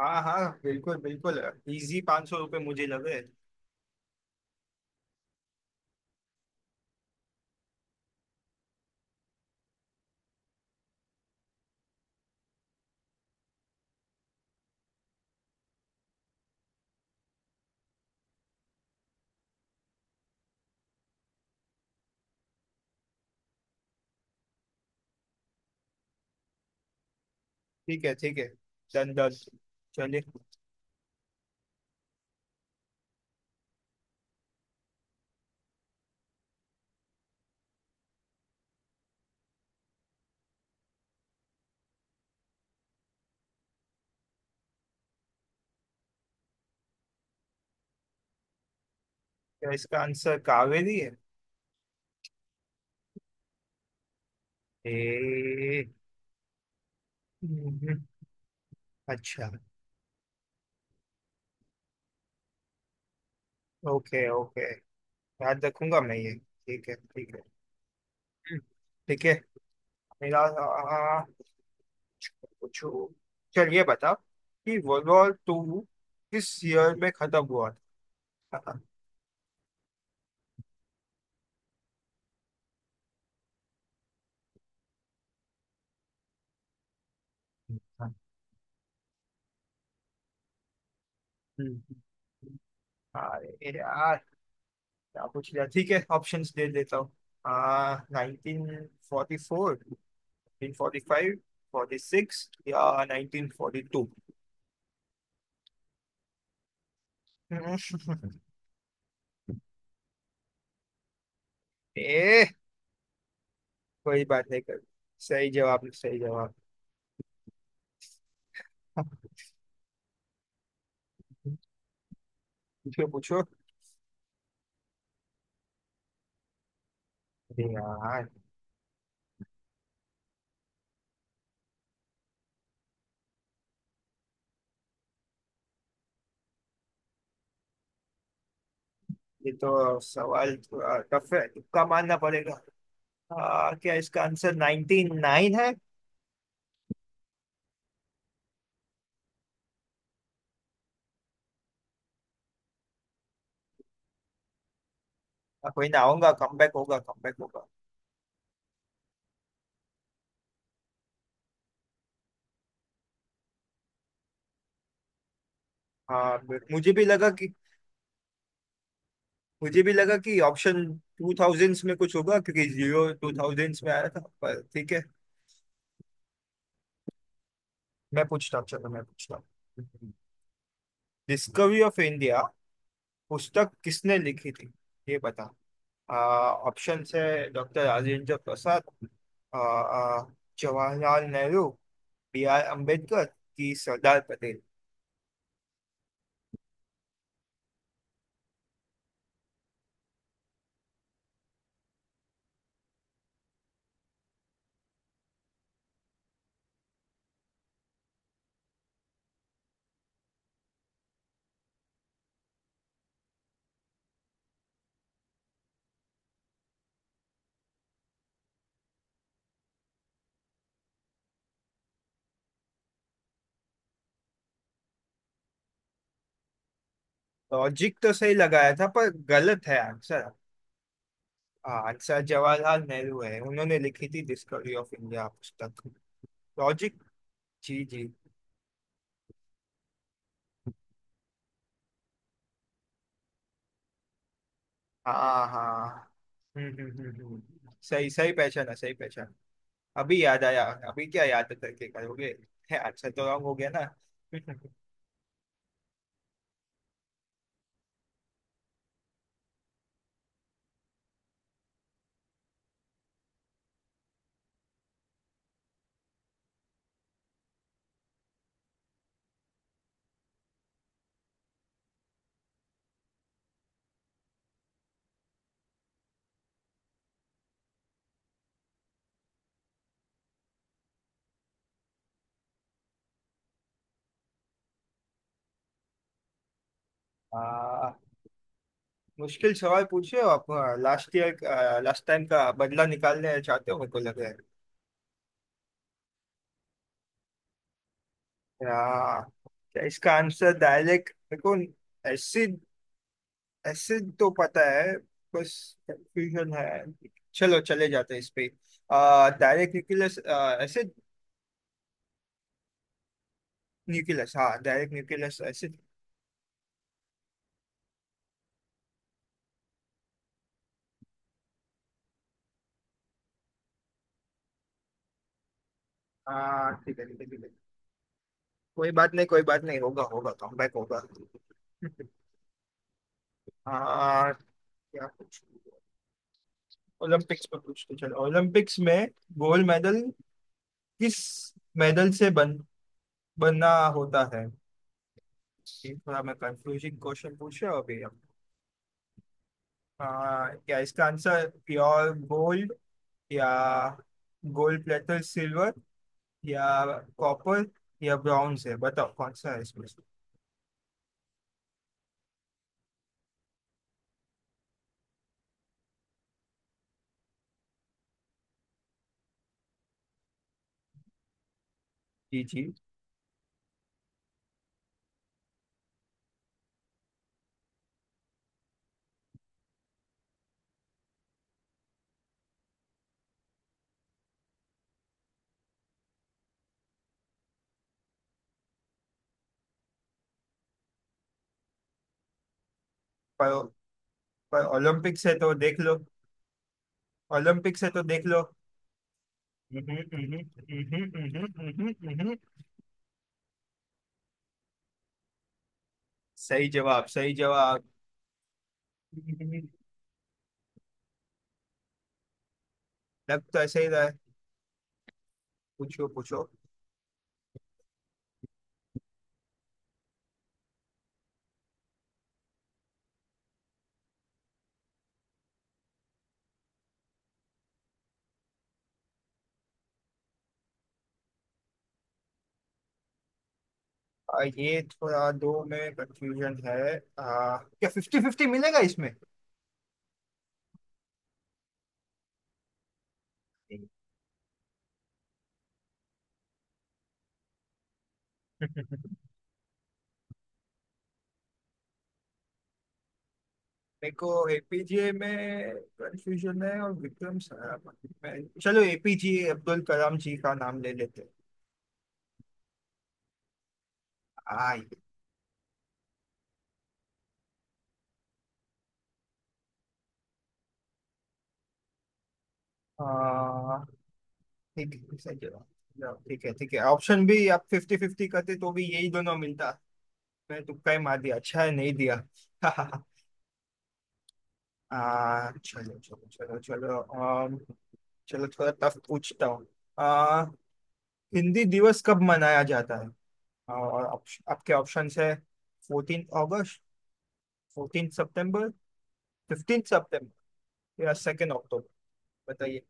हाँ हाँ बिल्कुल बिल्कुल। इजी 500 रुपये मुझे लगे। ठीक है ठीक है। Done done. चलिए। क्या इसका आंसर कावेरी है? ए! हम्म। अच्छा। Okay okay. याद रखूंगा मैं ये, ठीक है ठीक है। हम्म। ठीक है। मेरा आ, पूछो। चल ये बताओ कि वर्ल्ड वॉर टू किस ईयर में खत्म हुआ था। हम्म। अरे यार क्या पूछ लिया। ठीक है ऑप्शंस दे देता हूँ। आ 1944, 1945, 46 या 1942। ए! कोई बात नहीं कर। सही जवाब, सही जवाब। पूछो पूछो। अरे यार, ये तो सवाल थोड़ा टफ है, तुक्का मानना पड़ेगा। क्या इसका आंसर 99 नाइन है? कोई ना, आऊंगा, कमबैक होगा कमबैक होगा। हाँ, मुझे भी लगा कि मुझे भी लगा कि ऑप्शन टू थाउजेंड्स में कुछ होगा, क्योंकि जीरो टू थाउजेंड्स में आया था, पर ठीक है। मैं पूछता हूँ, चलो मैं पूछता हूँ। डिस्कवरी ऑफ इंडिया पुस्तक किसने लिखी थी, ये बता। ऑप्शन है डॉक्टर राजेंद्र प्रसाद, आ, आ, जवाहरलाल नेहरू, BR अम्बेडकर की सरदार पटेल। लॉजिक तो सही लगाया था, पर गलत है आंसर। आंसर जवाहरलाल नेहरू है, उन्होंने लिखी थी डिस्कवरी ऑफ इंडिया पुस्तक। लॉजिक। जी जी। हाँ हाँ। हम्म हम्म हम्म हम्म। सही सही पहचान है, सही पहचान। अभी याद आया, अभी क्या याद करके करोगे। है, अच्छा तो रंग हो गया ना। आ, मुश्किल सवाल पूछ रहे हो आप। लास्ट ईयर लास्ट टाइम का बदला निकालने चाहते हो, मेरे को लग रहा है। आ, क्या इसका आंसर डायरेक्ट मेरे को? एसिड एसिड तो पता है, बस कंफ्यूजन है। चलो चले जाते हैं इस पे। Direct nucleus acid. न्यूक्लियस, हाँ, डायरेक्ट न्यूक्लियस एसिड। हाँ, ठीक है ठीक है ठीक है। कोई बात नहीं, कोई बात नहीं, होगा होगा कमबैक होगा। हाँ। क्या कुछ ओलंपिक्स पर पूछते, चलो ओलंपिक्स में गोल्ड मेडल किस मेडल से बन बनना होता है? ये थोड़ा मैं कंफ्यूजिंग क्वेश्चन पूछ रहा हूँ अभी। हम। हाँ, क्या इसका आंसर प्योर गोल्ड या गोल्ड प्लेटर सिल्वर या कॉपर या ब्रॉन्ज है? बताओ कौन सा है इसमें से? जी जी। पर पर ओलंपिक्स है तो देख लो। ओलंपिक्स है तो देख लो। हम्म, हम्म, हम्म, हम्म, हम्म, हम्म। सही जवाब, सही जवाब। लग तो ऐसे ही रहा है। पूछो पूछो। ये थोड़ा दो में कंफ्यूजन है। क्या 50-50 मिलेगा इसमें? मेरे को एपीजे में कंफ्यूजन है और विक्रम साराभाई में। चलो एपीजे अब्दुल कलाम जी का नाम ले लेते हैं। आ, ये- आ, ठीक है, सही जवाब। जवाब, ठीक है ठीक है। ऑप्शन भी आप 50-50 करते तो भी यही दोनों मिलता। मैं तुक्का ही मार दिया, अच्छा है नहीं दिया। चलो चलो चलो चलो, चलो थोड़ा टफ पूछता हूँ। आ, हिंदी दिवस कब मनाया जाता है? और आपके ऑप्शंस है 14 अगस्त, 14 सितंबर, 15 सितंबर या 2 अक्टूबर? बताइए।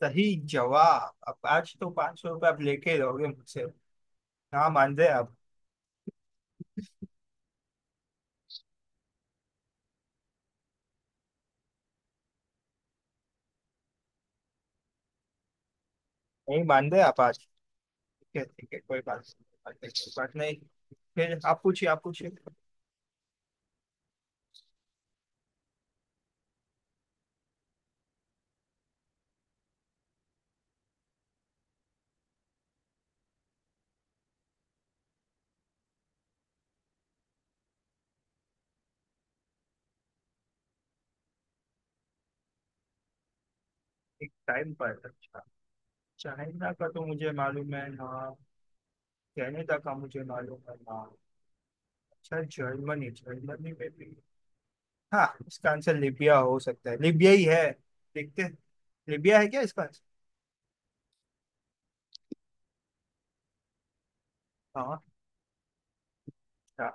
सही जवाब। अब आज तो 500 रुपये आप लेके रहोगे मुझसे। ना मान रहे आप, नहीं मान रहे आप आज। ठीक है ठीक है, कोई बात नहीं, कोई बात नहीं, कोई बात नहीं। फिर आप पूछिए, आप पूछिए। एक टाइम पर, अच्छा। चाइना का तो मुझे मालूम है ना, कनाडा का मुझे मालूम है ना। अच्छा, जर्मनी, जर्मनी में भी। हाँ, इसका आंसर लीबिया हो सकता है, लीबिया ही है, देखते हैं, लीबिया है क्या इसका आंसर? हाँ। अच्छा।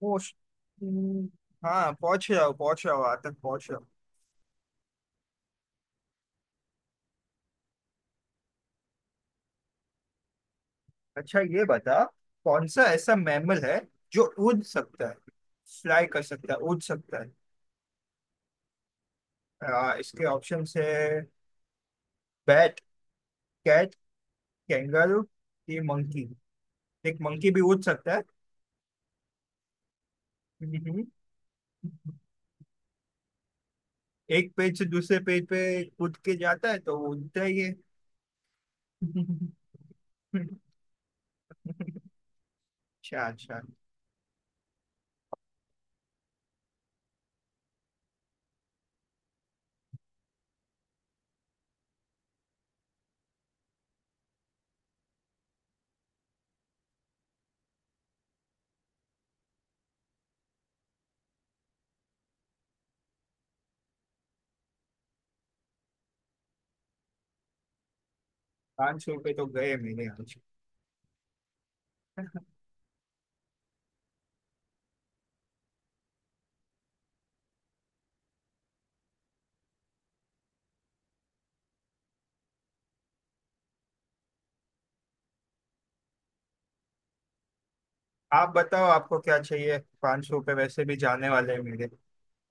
पोस्ट। हम्म। हाँ, पहुंच जाओ पहुंच जाओ, आज तक पहुंच जाओ। अच्छा, ये बता, कौन सा ऐसा मैमल है जो उड़ सकता है, फ्लाई कर सकता है, उड़ सकता है? इसके ऑप्शन है बैट, कैट, कैंगारू, ये मंकी। एक मंकी भी उड़ सकता है। हम्म। एक पेज से दूसरे पेज पे कूद के जाता है तो वो उड़ता ही है। अच्छा अच्छा। 500 रुपये तो गए मेरे आज। आप बताओ आपको क्या चाहिए, 500 रुपये वैसे भी जाने वाले हैं मेरे।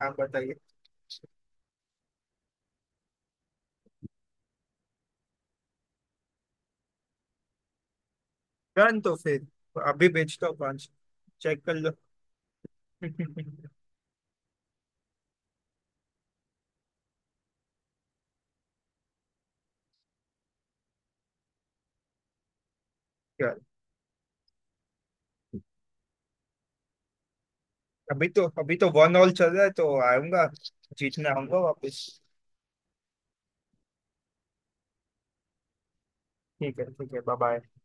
आप बताइए। डन तो फिर। अभी बेचता हूँ, पाँच चेक कर लो। क्या? अभी तो 1-1 चल रहा है तो आऊंगा, जीतना आऊंगा वापस। ठीक है बाय बाय।